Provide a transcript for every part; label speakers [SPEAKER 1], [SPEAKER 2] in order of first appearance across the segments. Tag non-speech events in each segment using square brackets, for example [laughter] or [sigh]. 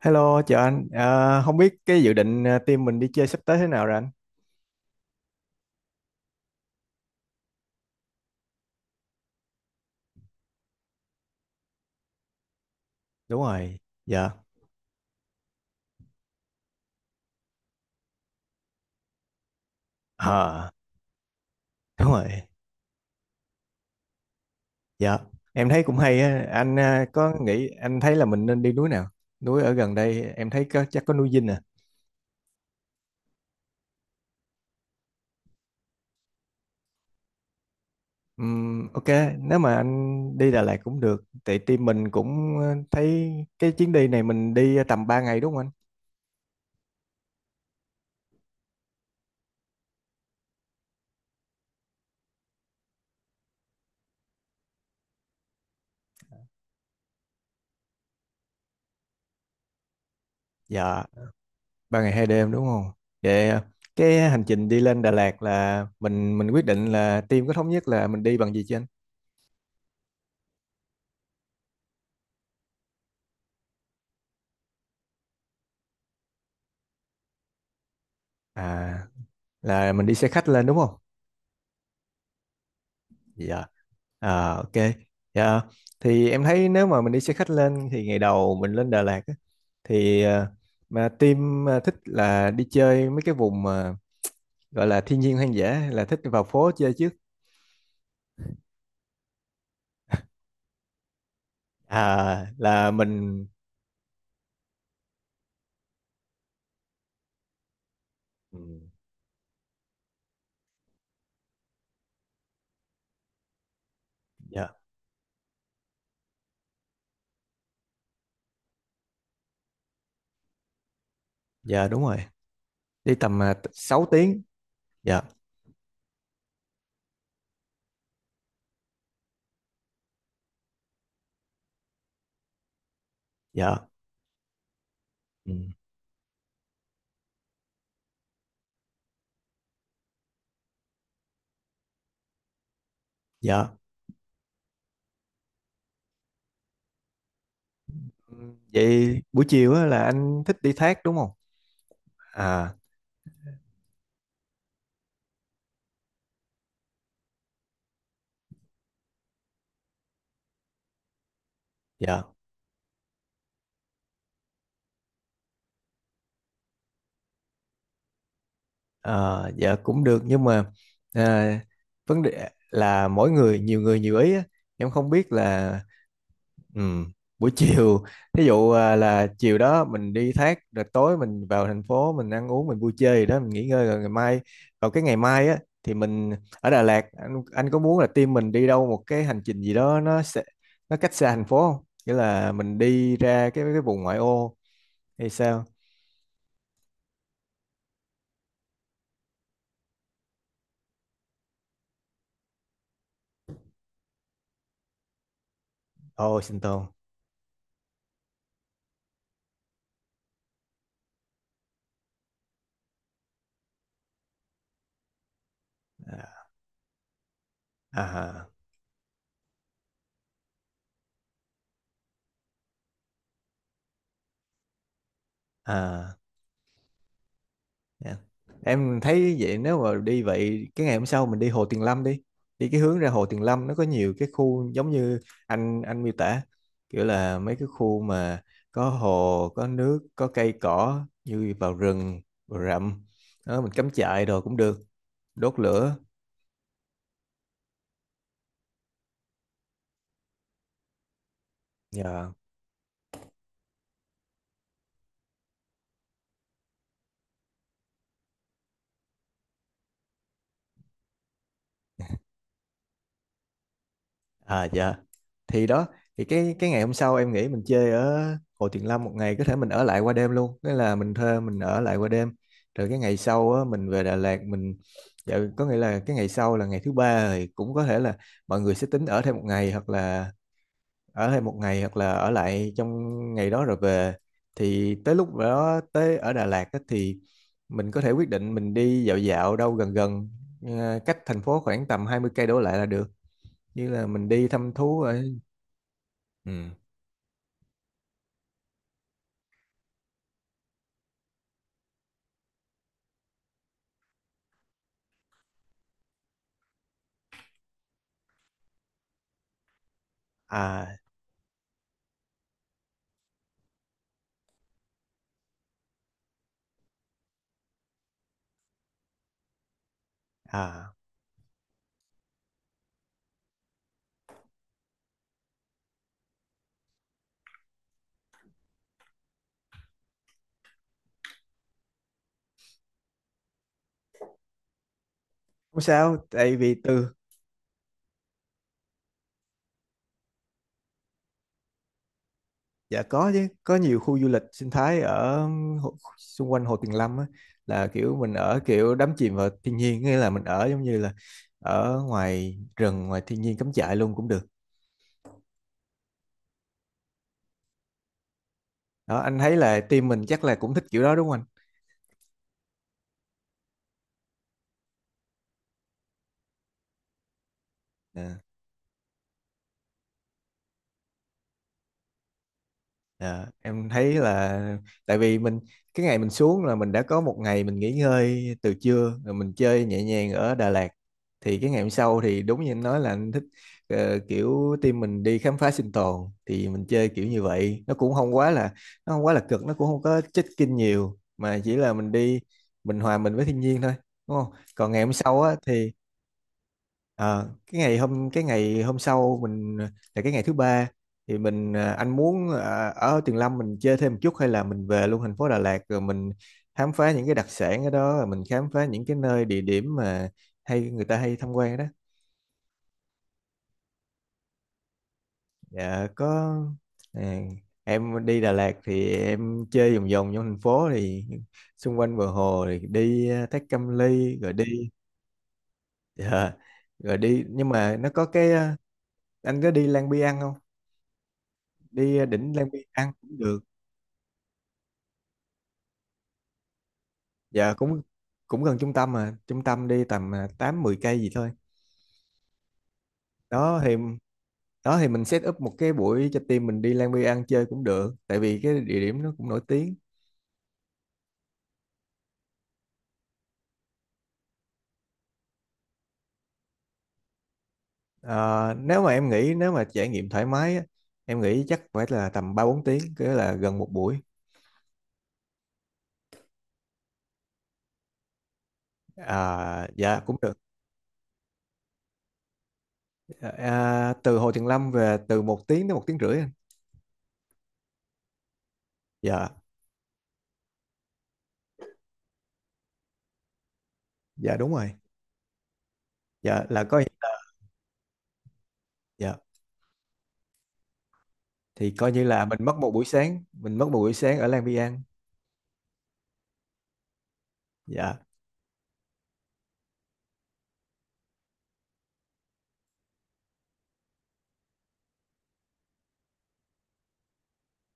[SPEAKER 1] Hello, chào anh. Ờ, Không biết cái dự định team mình đi chơi sắp tới thế nào rồi anh? Đúng rồi, dạ. Ờ, Đúng rồi, dạ. Em thấy cũng hay á. Anh có nghĩ anh thấy là mình nên đi núi nào? Núi ở gần đây em thấy có, chắc có núi Dinh à. Ok, nếu mà anh đi Đà Lạt cũng được. Tại team mình cũng thấy cái chuyến đi này mình đi tầm 3 ngày đúng không anh? Dạ. 3 ngày 2 đêm đúng không? Vậy cái hành trình đi lên Đà Lạt là mình quyết định là team có thống nhất là mình đi bằng gì chưa anh? À, là mình đi xe khách lên đúng không? Dạ. À, ok. Dạ. Thì em thấy nếu mà mình đi xe khách lên thì ngày đầu mình lên Đà Lạt á, thì à, mà team thích là đi chơi mấy cái vùng mà gọi là thiên nhiên hoang dã hay là thích vào phố chơi trước. À, là mình. Ừ, dạ dạ đúng rồi. Đi tầm 6 tiếng. Dạ dạ, ừ, dạ. Ừ, vậy buổi chiều á, là anh thích đi thác đúng không? À, dạ. Ờ, dạ cũng được nhưng mà à, vấn đề là mỗi người nhiều ý á. Em không biết là ừm, buổi [laughs] chiều thí dụ là chiều đó mình đi thác rồi tối mình vào thành phố mình ăn uống mình vui chơi gì đó mình nghỉ ngơi rồi ngày mai vào cái ngày mai á thì mình ở Đà Lạt. Anh có muốn là team mình đi đâu một cái hành trình gì đó nó sẽ nó cách xa thành phố không? Nghĩa là mình đi ra cái vùng ngoại ô hay sao? Ồ, Sinh Tồn. À, à, à. Dạ. Em thấy vậy nếu mà đi vậy cái ngày hôm sau mình đi Hồ Tuyền Lâm, đi đi cái hướng ra Hồ Tuyền Lâm nó có nhiều cái khu giống như anh miêu tả, kiểu là mấy cái khu mà có hồ có nước có cây cỏ như vào rừng vào rậm đó, mình cắm trại rồi cũng được, đốt lửa. Dạ. À dạ. Thì đó, thì cái ngày hôm sau em nghĩ mình chơi ở Hồ Tuyền Lâm một ngày, có thể mình ở lại qua đêm luôn, nghĩa là mình thuê mình ở lại qua đêm. Rồi cái ngày sau á, mình về Đà Lạt mình, dạ, có nghĩa là cái ngày sau là ngày thứ ba thì cũng có thể là mọi người sẽ tính ở thêm một ngày, hoặc là ở thêm một ngày hoặc là ở lại trong ngày đó rồi về. Thì tới lúc đó tới ở Đà Lạt á, thì mình có thể quyết định mình đi dạo dạo đâu gần gần, cách thành phố khoảng tầm 20 cây đổ lại là được, như là mình đi thăm thú. Ừ, à à. Không sao, tại vì từ. Dạ có chứ, có nhiều khu du lịch sinh thái ở xung quanh Hồ Tuyền Lâm á, là kiểu mình ở, kiểu đắm chìm vào thiên nhiên, nghĩa là mình ở giống như là ở ngoài rừng ngoài thiên nhiên, cắm trại luôn cũng được. Đó, anh thấy là team mình chắc là cũng thích kiểu đó đúng không anh? À. Dạ, em thấy là, tại vì mình, cái ngày mình xuống là mình đã có một ngày mình nghỉ ngơi từ trưa rồi mình chơi nhẹ nhàng ở Đà Lạt, thì cái ngày hôm sau thì đúng như anh nói là anh thích kiểu team mình đi khám phá sinh tồn, thì mình chơi kiểu như vậy nó cũng không quá là, nó không quá là cực, nó cũng không có check-in nhiều mà chỉ là mình đi, mình hòa mình với thiên nhiên thôi đúng không, còn ngày hôm sau á thì. Cái ngày hôm sau mình, là cái ngày thứ ba, thì mình anh muốn ở Tuyền Lâm mình chơi thêm một chút hay là mình về luôn thành phố Đà Lạt rồi mình khám phá những cái đặc sản ở đó rồi mình khám phá những cái nơi địa điểm mà hay người ta hay tham quan đó? Dạ có. à, em đi Đà Lạt thì em chơi vòng vòng trong thành phố thì xung quanh bờ hồ thì đi Thác Cam Ly rồi đi. Dạ, rồi đi nhưng mà nó có cái anh có đi Lang Biang không, đi đỉnh Lan Biên ăn cũng được. Dạ cũng cũng gần trung tâm, mà trung tâm đi tầm 8 10 cây gì thôi. Đó thì đó thì mình set up một cái buổi cho team mình đi Lan Biên ăn chơi cũng được tại vì cái địa điểm nó cũng nổi tiếng. Ờ, Nếu mà em nghĩ nếu mà trải nghiệm thoải mái á, em nghĩ chắc phải là tầm 3 4 tiếng, cái là gần một buổi. À, dạ cũng được. Dạ, từ Hồ Tuyền Lâm về từ 1 tiếng đến 1 tiếng rưỡi anh. Dạ dạ đúng rồi. Dạ là có. Dạ thì coi như là mình mất một buổi sáng, mình mất một buổi sáng ở Lang Biang. Dạ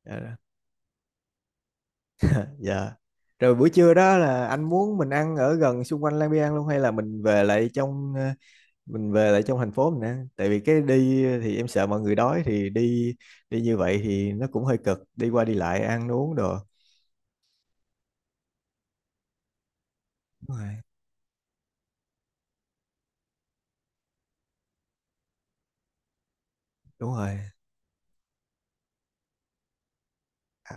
[SPEAKER 1] dạ dạ. Rồi buổi trưa đó là anh muốn mình ăn ở gần xung quanh Lang Biang luôn hay là mình về lại trong thành phố mình ăn, tại vì cái đi thì em sợ mọi người đói thì đi, đi như vậy thì nó cũng hơi cực, đi qua đi lại ăn uống đồ. Đúng rồi, đúng rồi. À,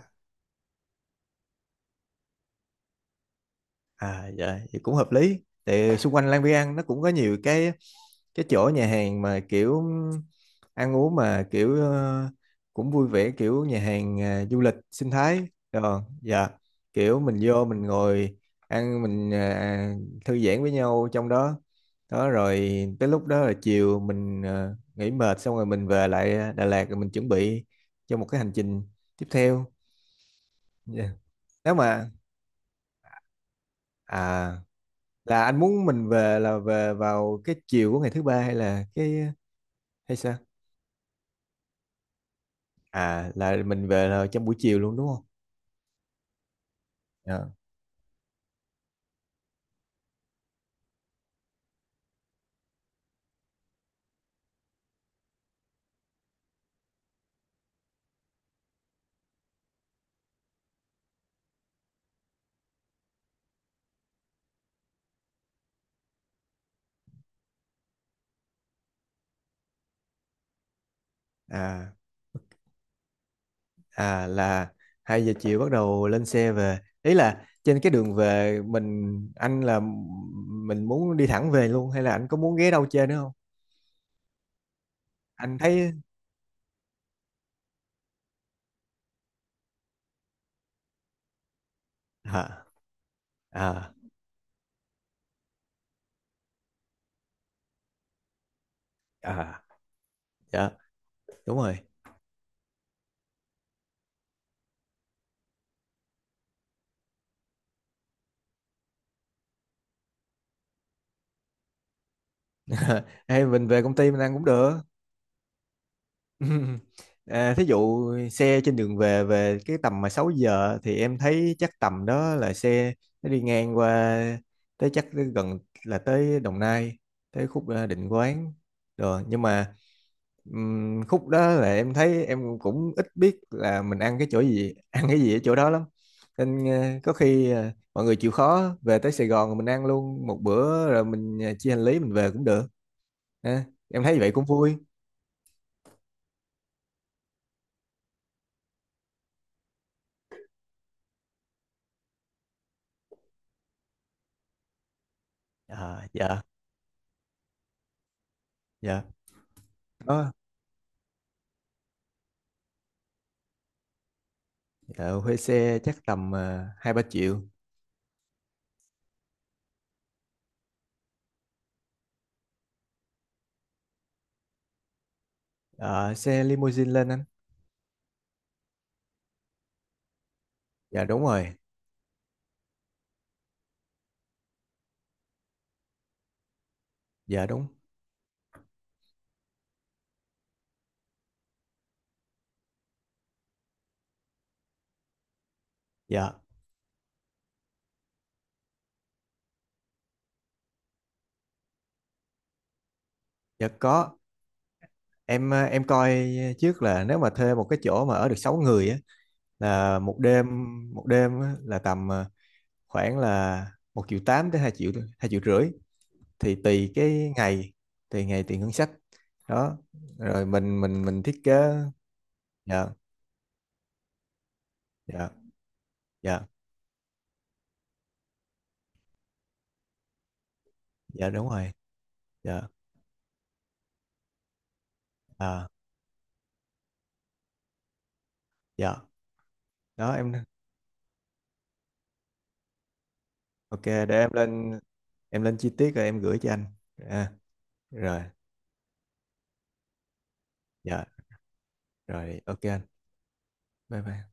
[SPEAKER 1] à dạ, vậy cũng hợp lý. Tại xung quanh Lang Biang nó cũng có nhiều cái chỗ nhà hàng mà kiểu ăn uống, mà kiểu cũng vui vẻ, kiểu nhà hàng du lịch sinh thái. Rồi, dạ. Kiểu mình vô mình ngồi ăn mình thư giãn với nhau trong đó. Đó, rồi tới lúc đó là chiều mình nghỉ mệt xong rồi mình về lại Đà Lạt rồi mình chuẩn bị cho một cái hành trình tiếp theo. Dạ. Nếu mà à là anh muốn mình về là về vào cái chiều của ngày thứ ba hay là hay sao? À, là mình về là trong buổi chiều luôn đúng không? Dạ. à là 2 giờ chiều bắt đầu lên xe về, ý là trên cái đường về mình, anh, là mình muốn đi thẳng về luôn hay là anh có muốn ghé đâu chơi nữa không, anh thấy? À, à, à, dạ đúng rồi. [laughs] Hay mình về công ty mình ăn cũng được. [laughs] À, thí dụ xe trên đường về về cái tầm mà 6 giờ thì em thấy chắc tầm đó là xe nó đi ngang qua tới, chắc tới gần là tới Đồng Nai, tới khúc Định Quán rồi, nhưng mà khúc đó là em thấy em cũng ít biết là mình ăn cái chỗ gì [laughs] ăn cái gì ở chỗ đó lắm, nên có khi mọi người chịu khó về tới Sài Gòn rồi mình ăn luôn một bữa rồi mình chia hành lý mình về cũng được, ha. Em thấy vậy cũng vui. Ờ, dạ dạ. Đó. Ờ, Thuê xe chắc tầm 2 3 triệu. Ờ, Xe limousine lên anh. Dạ đúng rồi. Dạ đúng. Dạ dạ có, em coi trước là nếu mà thuê một cái chỗ mà ở được 6 người á, là một đêm, một đêm á, là tầm khoảng là 1,8 triệu tới hai triệu, 2,5 triệu, thì tùy cái ngày, tùy ngày tùy ngân sách đó, rồi mình thiết kế. Dạ dạ dạ dạ, đúng rồi. Dạ, à, dạ. Đó em. Ok, để em lên chi tiết rồi em gửi cho anh. À, rồi, dạ, rồi ok anh. Bye bye.